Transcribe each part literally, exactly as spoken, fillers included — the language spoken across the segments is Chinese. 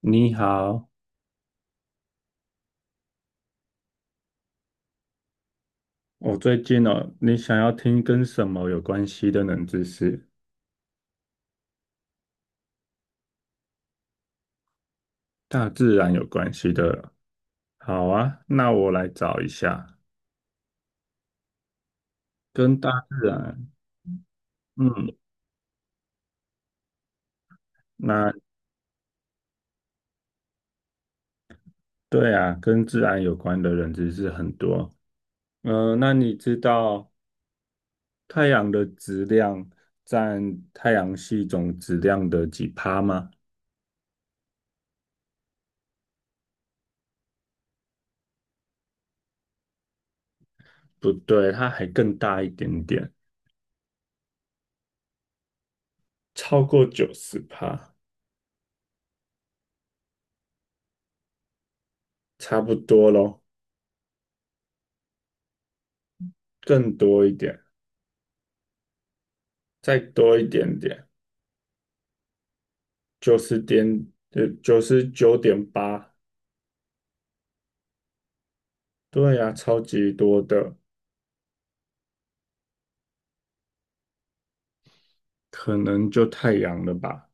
你好。我最近哦，你想要听跟什么有关系的冷知识？大自然有关系的。好啊，那我来找一下跟大自然。嗯，那对啊，跟自然有关的冷知识很多。嗯、那你知道太阳的质量占太阳系总质量的几趴吗？不对，它还更大一点点，超过九十趴，差不多咯，更多一点。再多一点点，九十点，呃，九十九点八。对呀、超级多的，可能就太阳了吧？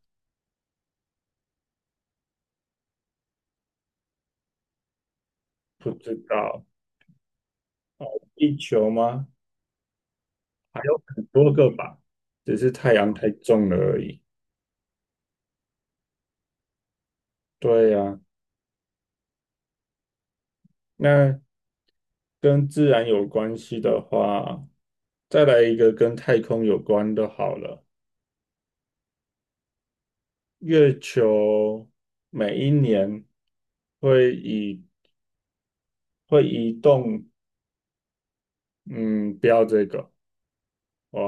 不知道，地球吗？还有很多个吧，只是太阳太重了而已。对呀、那跟自然有关系的话，再来一个跟太空有关的好了。月球每一年会移会移动，嗯，不要这个。我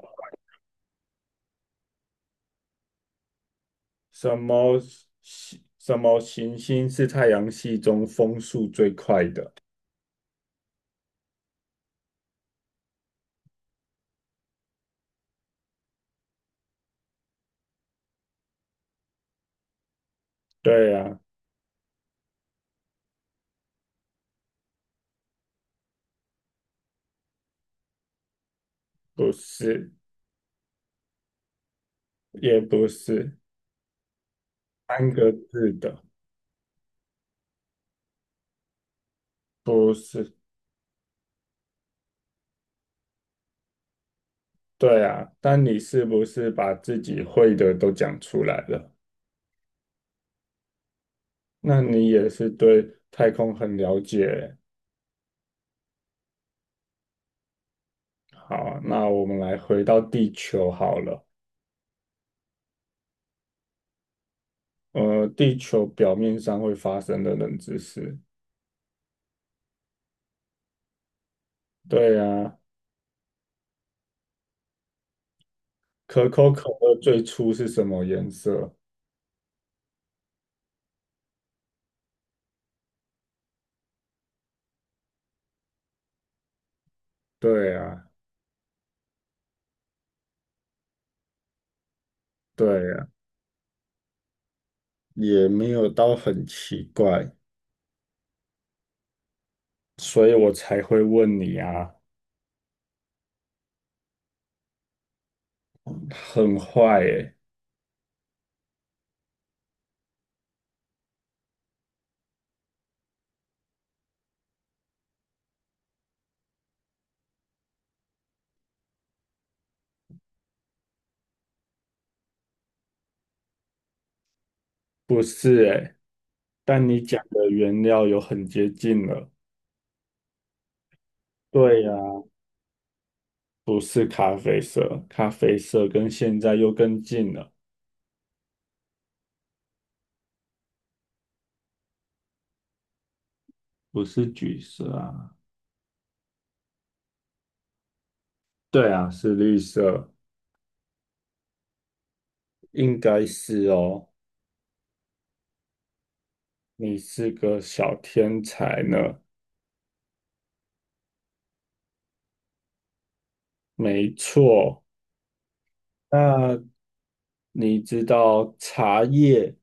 什么系什么行星是太阳系中风速最快的？对啊，不是，也不是，三个字的，不是。对啊，但你是不是把自己会的都讲出来了？那你也是对太空很了解。好，那我们来回到地球好了。呃，地球表面上会发生的冷知识。对啊，可口可乐最初是什么颜色？对啊，对呀，也没有到很奇怪，所以我才会问你啊，很坏诶，不是诶，但你讲的原料有很接近了。对呀，不是咖啡色，咖啡色跟现在又更近了，不是橘色啊，对啊，是绿色，应该是哦，你是个小天才呢，没错。那你知道茶叶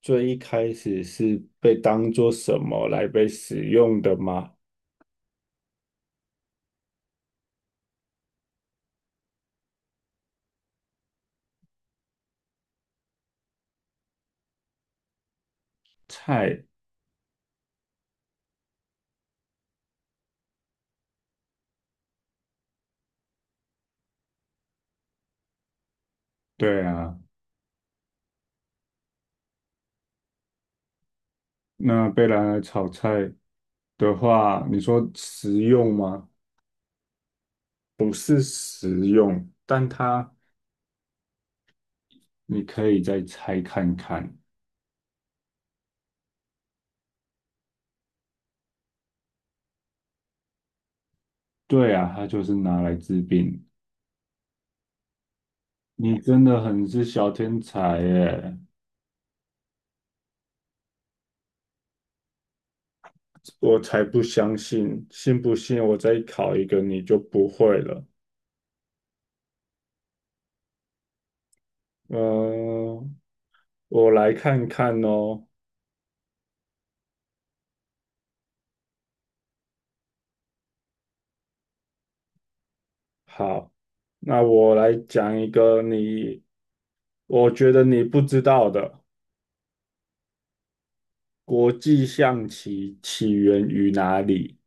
最一开始是被当做什么来被使用的吗？菜，对啊，那被拿来炒菜的话，你说食用吗？不是食用，但它你可以再拆看看。对啊，它就是拿来治病。你真的很是小天才耶！我才不相信，信不信我再考一个你就不会了。嗯、我来看看哦。好，那我来讲一个你，我觉得你不知道的，国际象棋起源于哪里？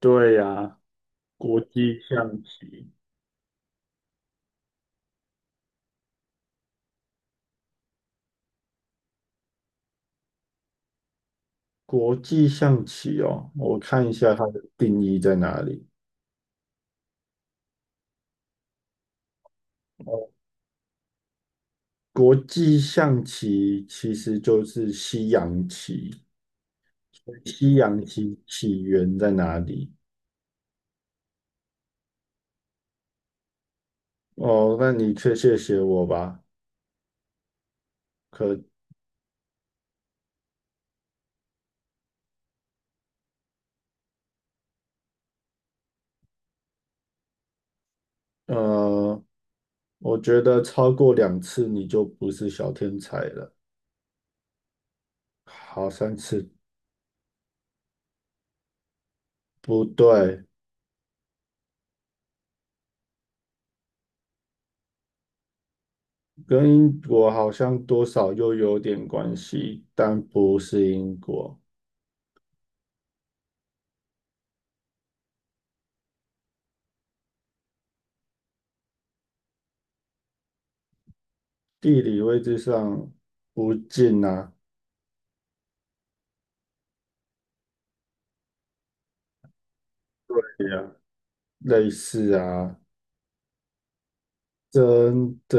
对呀，国际象棋，国际象棋哦，我看一下它的定义在哪里。哦，国际象棋其实就是西洋棋，所以西洋棋起源在哪里？哦，那你确谢谢我吧。可呃，我觉得超过两次你就不是小天才了。好，三次，不对，跟英国好像多少又有点关系，但不是英国。地理位置上不近啊，对啊，类似啊，真的，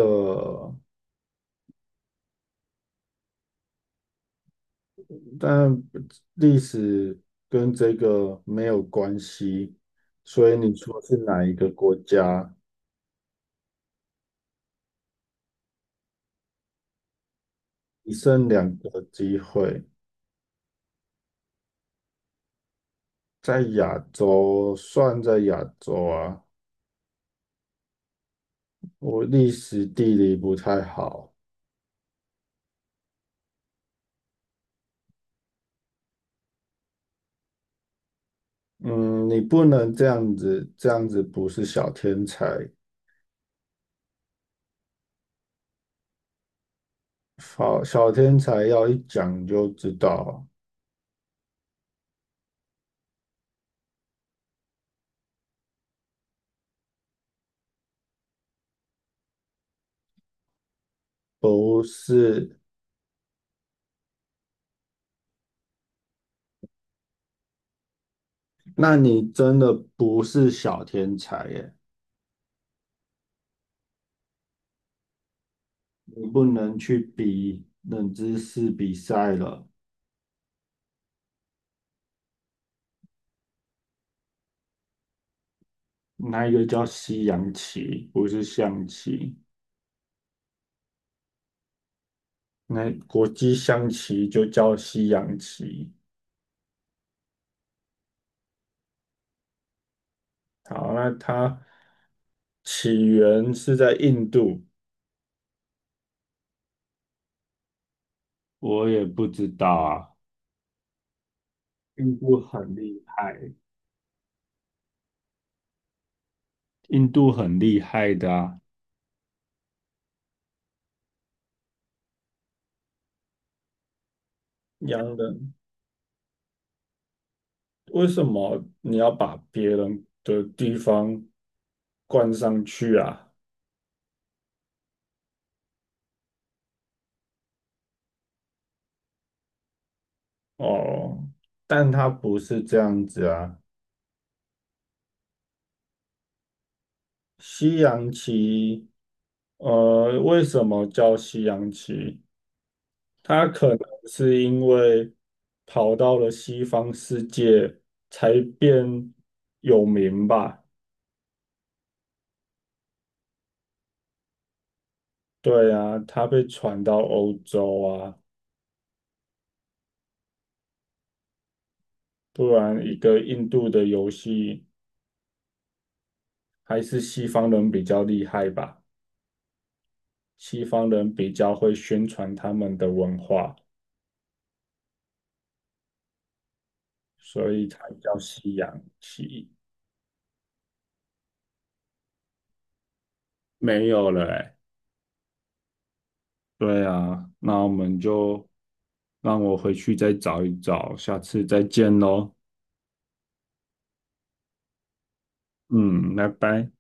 但历史跟这个没有关系，所以你说是哪一个国家？你剩两个机会。在亚洲，算在亚洲啊。我历史地理不太好，嗯，你不能这样子，这样子不是小天才。好，小天才要一讲就知道，不是。那你真的不是小天才耶，你不能去比冷知识比赛了。那一个叫西洋棋，不是象棋。那国际象棋就叫西洋棋。好，那它起源是在印度，我也不知道啊。印度很厉害。印度很厉害的啊，洋人，为什么你要把别人的地方冠上去啊？哦，但它不是这样子啊。西洋棋，呃，为什么叫西洋棋？他可能是因为跑到了西方世界才变有名吧？对啊，他被传到欧洲啊，不然一个印度的游戏还是西方人比较厉害吧？西方人比较会宣传他们的文化，所以才叫西洋棋。没有了欸。对啊，那我们就让我回去再找一找，下次再见喽。嗯，拜拜。